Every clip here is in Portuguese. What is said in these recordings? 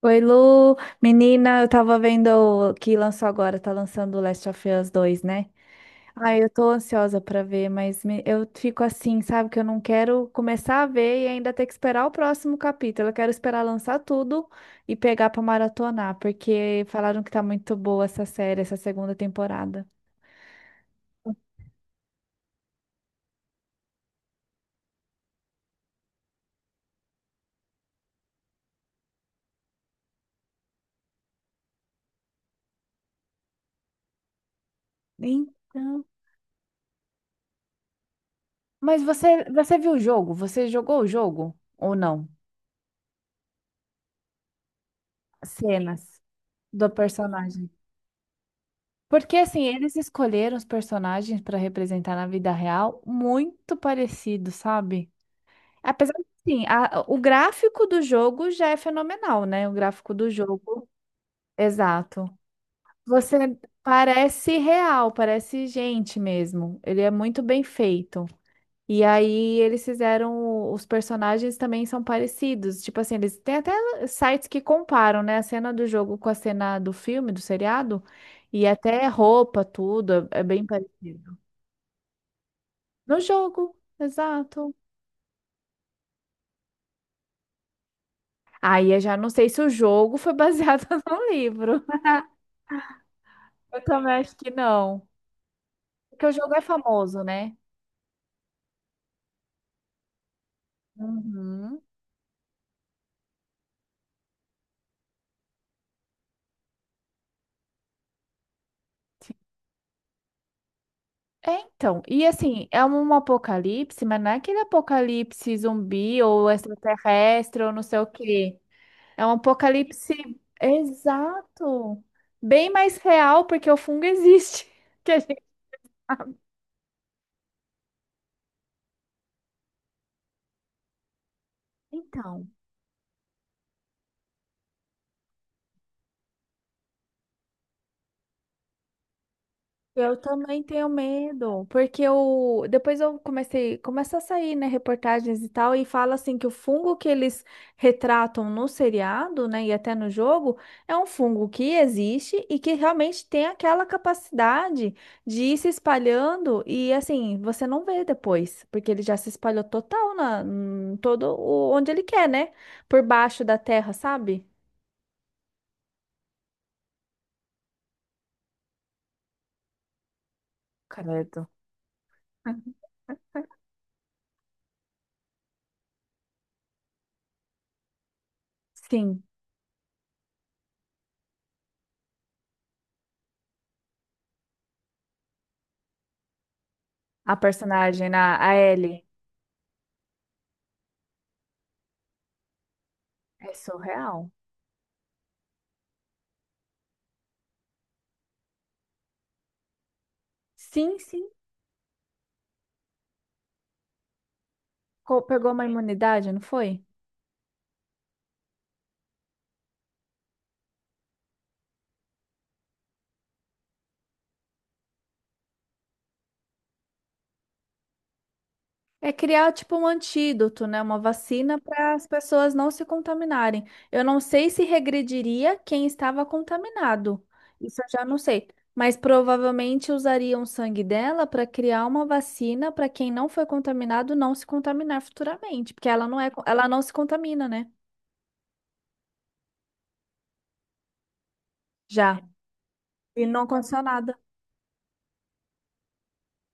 Oi, Lu. Menina, eu tava vendo que lançou agora, tá lançando o Last of Us 2, né? Ai, eu tô ansiosa pra ver, mas eu fico assim, sabe? Que eu não quero começar a ver e ainda ter que esperar o próximo capítulo. Eu quero esperar lançar tudo e pegar pra maratonar, porque falaram que tá muito boa essa série, essa segunda temporada. Então, mas você viu o jogo? Você jogou o jogo ou não? Cenas. Do personagem. Porque assim, eles escolheram os personagens para representar na vida real muito parecidos, sabe? Apesar de, assim, o gráfico do jogo já é fenomenal, né? O gráfico do jogo, exato. Você parece real, parece gente mesmo. Ele é muito bem feito. E aí eles fizeram, os personagens também são parecidos, tipo assim, eles têm até sites que comparam, né, a cena do jogo com a cena do filme, do seriado, e até roupa, tudo, é bem parecido. No jogo, exato. Aí eu já não sei se o jogo foi baseado no livro. Eu também acho que não. Porque o jogo é famoso, né? Uhum. É, então, e assim, é um apocalipse, mas não é aquele apocalipse zumbi ou extraterrestre ou não sei o quê. É um apocalipse exato, bem mais real porque o fungo existe. Que a gente... Então. Eu também tenho medo, porque eu, depois eu comecei, começa a sair, né, reportagens e tal, e fala assim que o fungo que eles retratam no seriado, né, e até no jogo, é um fungo que existe e que realmente tem aquela capacidade de ir se espalhando e assim, você não vê depois, porque ele já se espalhou total na, em todo o, onde ele quer, né? Por baixo da terra, sabe? Credo. Sim, a personagem, a Ellie, é surreal. Sim, sim. Pegou uma imunidade, não foi? É criar tipo um antídoto, né? Uma vacina para as pessoas não se contaminarem. Eu não sei se regrediria quem estava contaminado. Isso eu já não sei. Mas provavelmente usariam o sangue dela para criar uma vacina para quem não foi contaminado não se contaminar futuramente, porque ela não é, ela não se contamina, né? Já. E não aconteceu nada.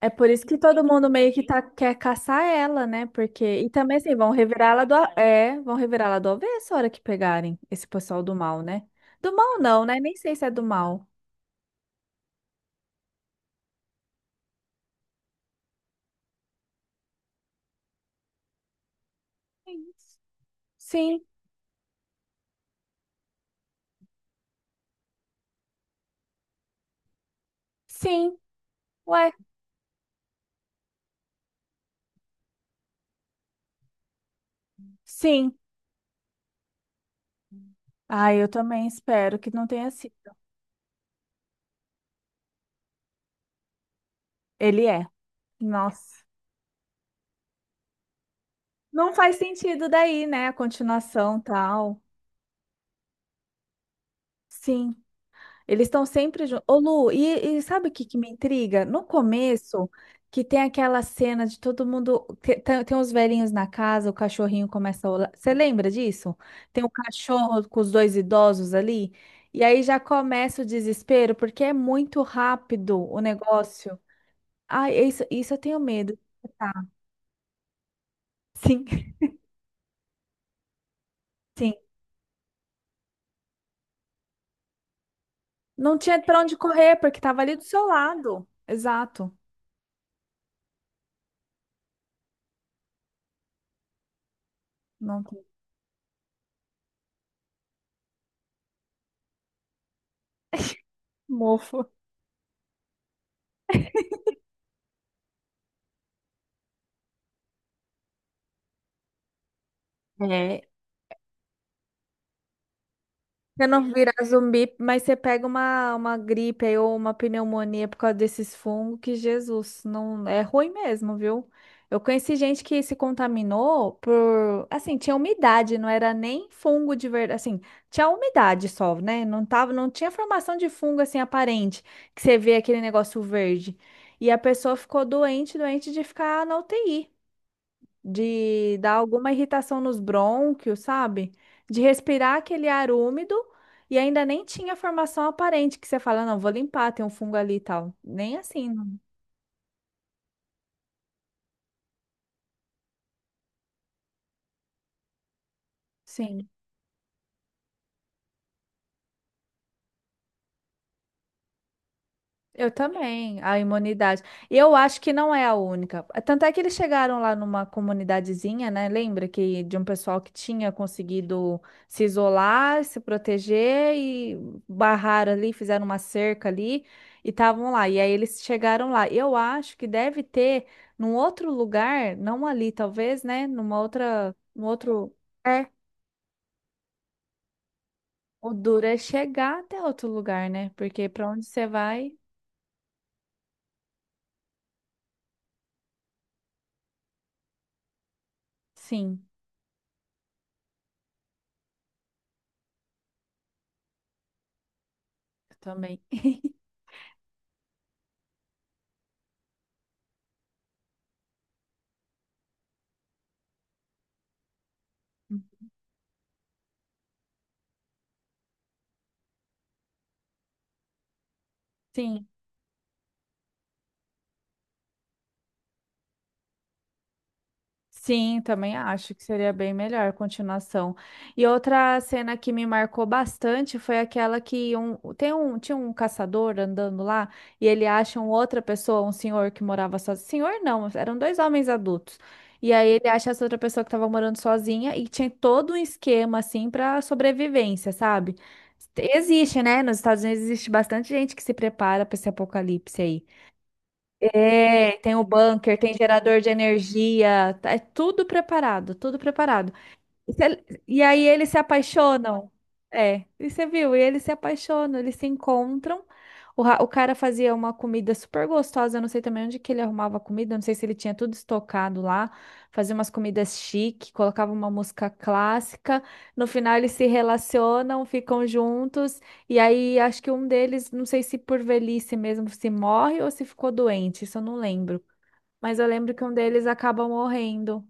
É por isso que todo mundo meio que tá, quer caçar ela, né? Porque. E também, assim, vão revirar ela vão revirar ela do avesso a hora que pegarem esse pessoal do mal, né? Do mal não, né? Nem sei se é do mal. Sim, sim, sim. Ué, sim. Ah, eu também espero que não tenha sido. Ele é. Nossa. Não faz sentido daí, né? A continuação tal. Sim. Eles estão sempre juntos. Ô, Lu, e sabe o que, que me intriga? No começo, que tem aquela cena de todo mundo. Tem os velhinhos na casa, o cachorrinho começa a olhar. Você lembra disso? Tem o cachorro com os dois idosos ali. E aí já começa o desespero, porque é muito rápido o negócio. Ai, é isso, isso eu tenho medo. Tá. Sim, sim. Não tinha pra onde correr, porque tava ali do seu lado. Exato. Não tem. Mofo. É. Você não vira zumbi, mas você pega uma gripe aí ou uma pneumonia por causa desses fungos, que Jesus, não é ruim mesmo, viu? Eu conheci gente que se contaminou por, assim, tinha umidade, não era nem fungo de verdade, assim, tinha umidade só, né? Não tava, não tinha formação de fungo assim aparente, que você vê aquele negócio verde. E a pessoa ficou doente, doente de ficar na UTI de dar alguma irritação nos brônquios, sabe? De respirar aquele ar úmido e ainda nem tinha formação aparente que você fala, não, vou limpar, tem um fungo ali e tal. Nem assim, não. Sim. Eu também, a imunidade. E eu acho que não é a única. Tanto é que eles chegaram lá numa comunidadezinha, né? Lembra que de um pessoal que tinha conseguido se isolar, se proteger e barraram ali, fizeram uma cerca ali e estavam lá. E aí eles chegaram lá. Eu acho que deve ter num outro lugar, não ali, talvez, né? Numa outra, num outro. É, o duro é chegar até outro lugar, né? Porque para onde você vai, sim, eu também. Sim, sim, também acho que seria bem melhor a continuação. E outra cena que me marcou bastante foi aquela que tinha um caçador andando lá e ele acha um outra pessoa, um senhor que morava sozinho. Senhor não, eram dois homens adultos. E aí ele acha essa outra pessoa que estava morando sozinha e tinha todo um esquema assim para sobrevivência, sabe? Existe, né? Nos Estados Unidos existe bastante gente que se prepara para esse apocalipse aí. É, tem o bunker, tem gerador de energia, é tudo preparado, tudo preparado. E aí eles se apaixonam. É, e você viu? E eles se apaixonam, eles se encontram. O cara fazia uma comida super gostosa. Eu não sei também onde que ele arrumava a comida. Eu não sei se ele tinha tudo estocado lá. Fazia umas comidas chique, colocava uma música clássica. No final eles se relacionam, ficam juntos. E aí acho que um deles, não sei se por velhice mesmo, se morre ou se ficou doente. Isso eu não lembro. Mas eu lembro que um deles acaba morrendo.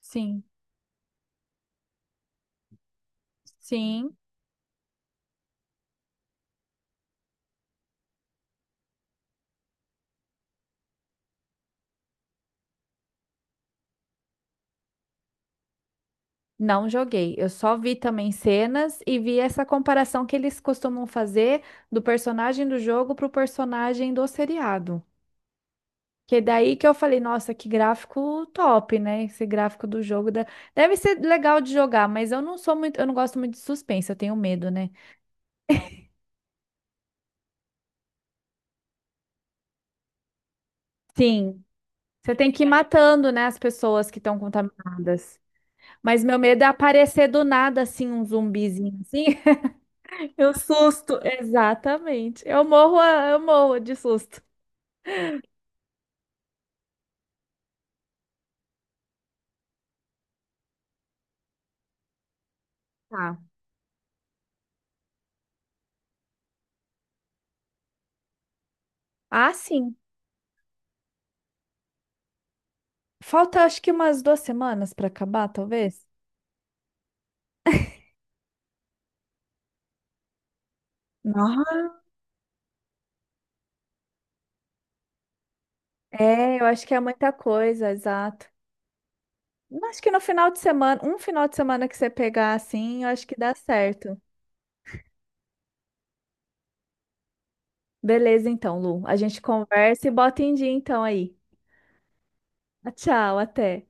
Sim. Sim. Não joguei, eu só vi também cenas e vi essa comparação que eles costumam fazer do personagem do jogo pro personagem do seriado. Que é daí que eu falei, nossa, que gráfico top, né? Esse gráfico do jogo deve ser legal de jogar, mas eu não sou muito, eu não gosto muito de suspense, eu tenho medo, né? Sim, você tem que ir matando, né, as pessoas que estão contaminadas. Mas meu medo é aparecer do nada assim um zumbizinho assim. Eu susto, exatamente. Eu morro, eu morro de susto. Tá. Ah, sim. Falta acho que umas 2 semanas para acabar, talvez. Nossa, é, eu acho que é muita coisa, exato. Acho que no final de semana, um final de semana que você pegar assim, eu acho que dá certo. Beleza, então, Lu. A gente conversa e bota em dia então aí. Ah, tchau, até.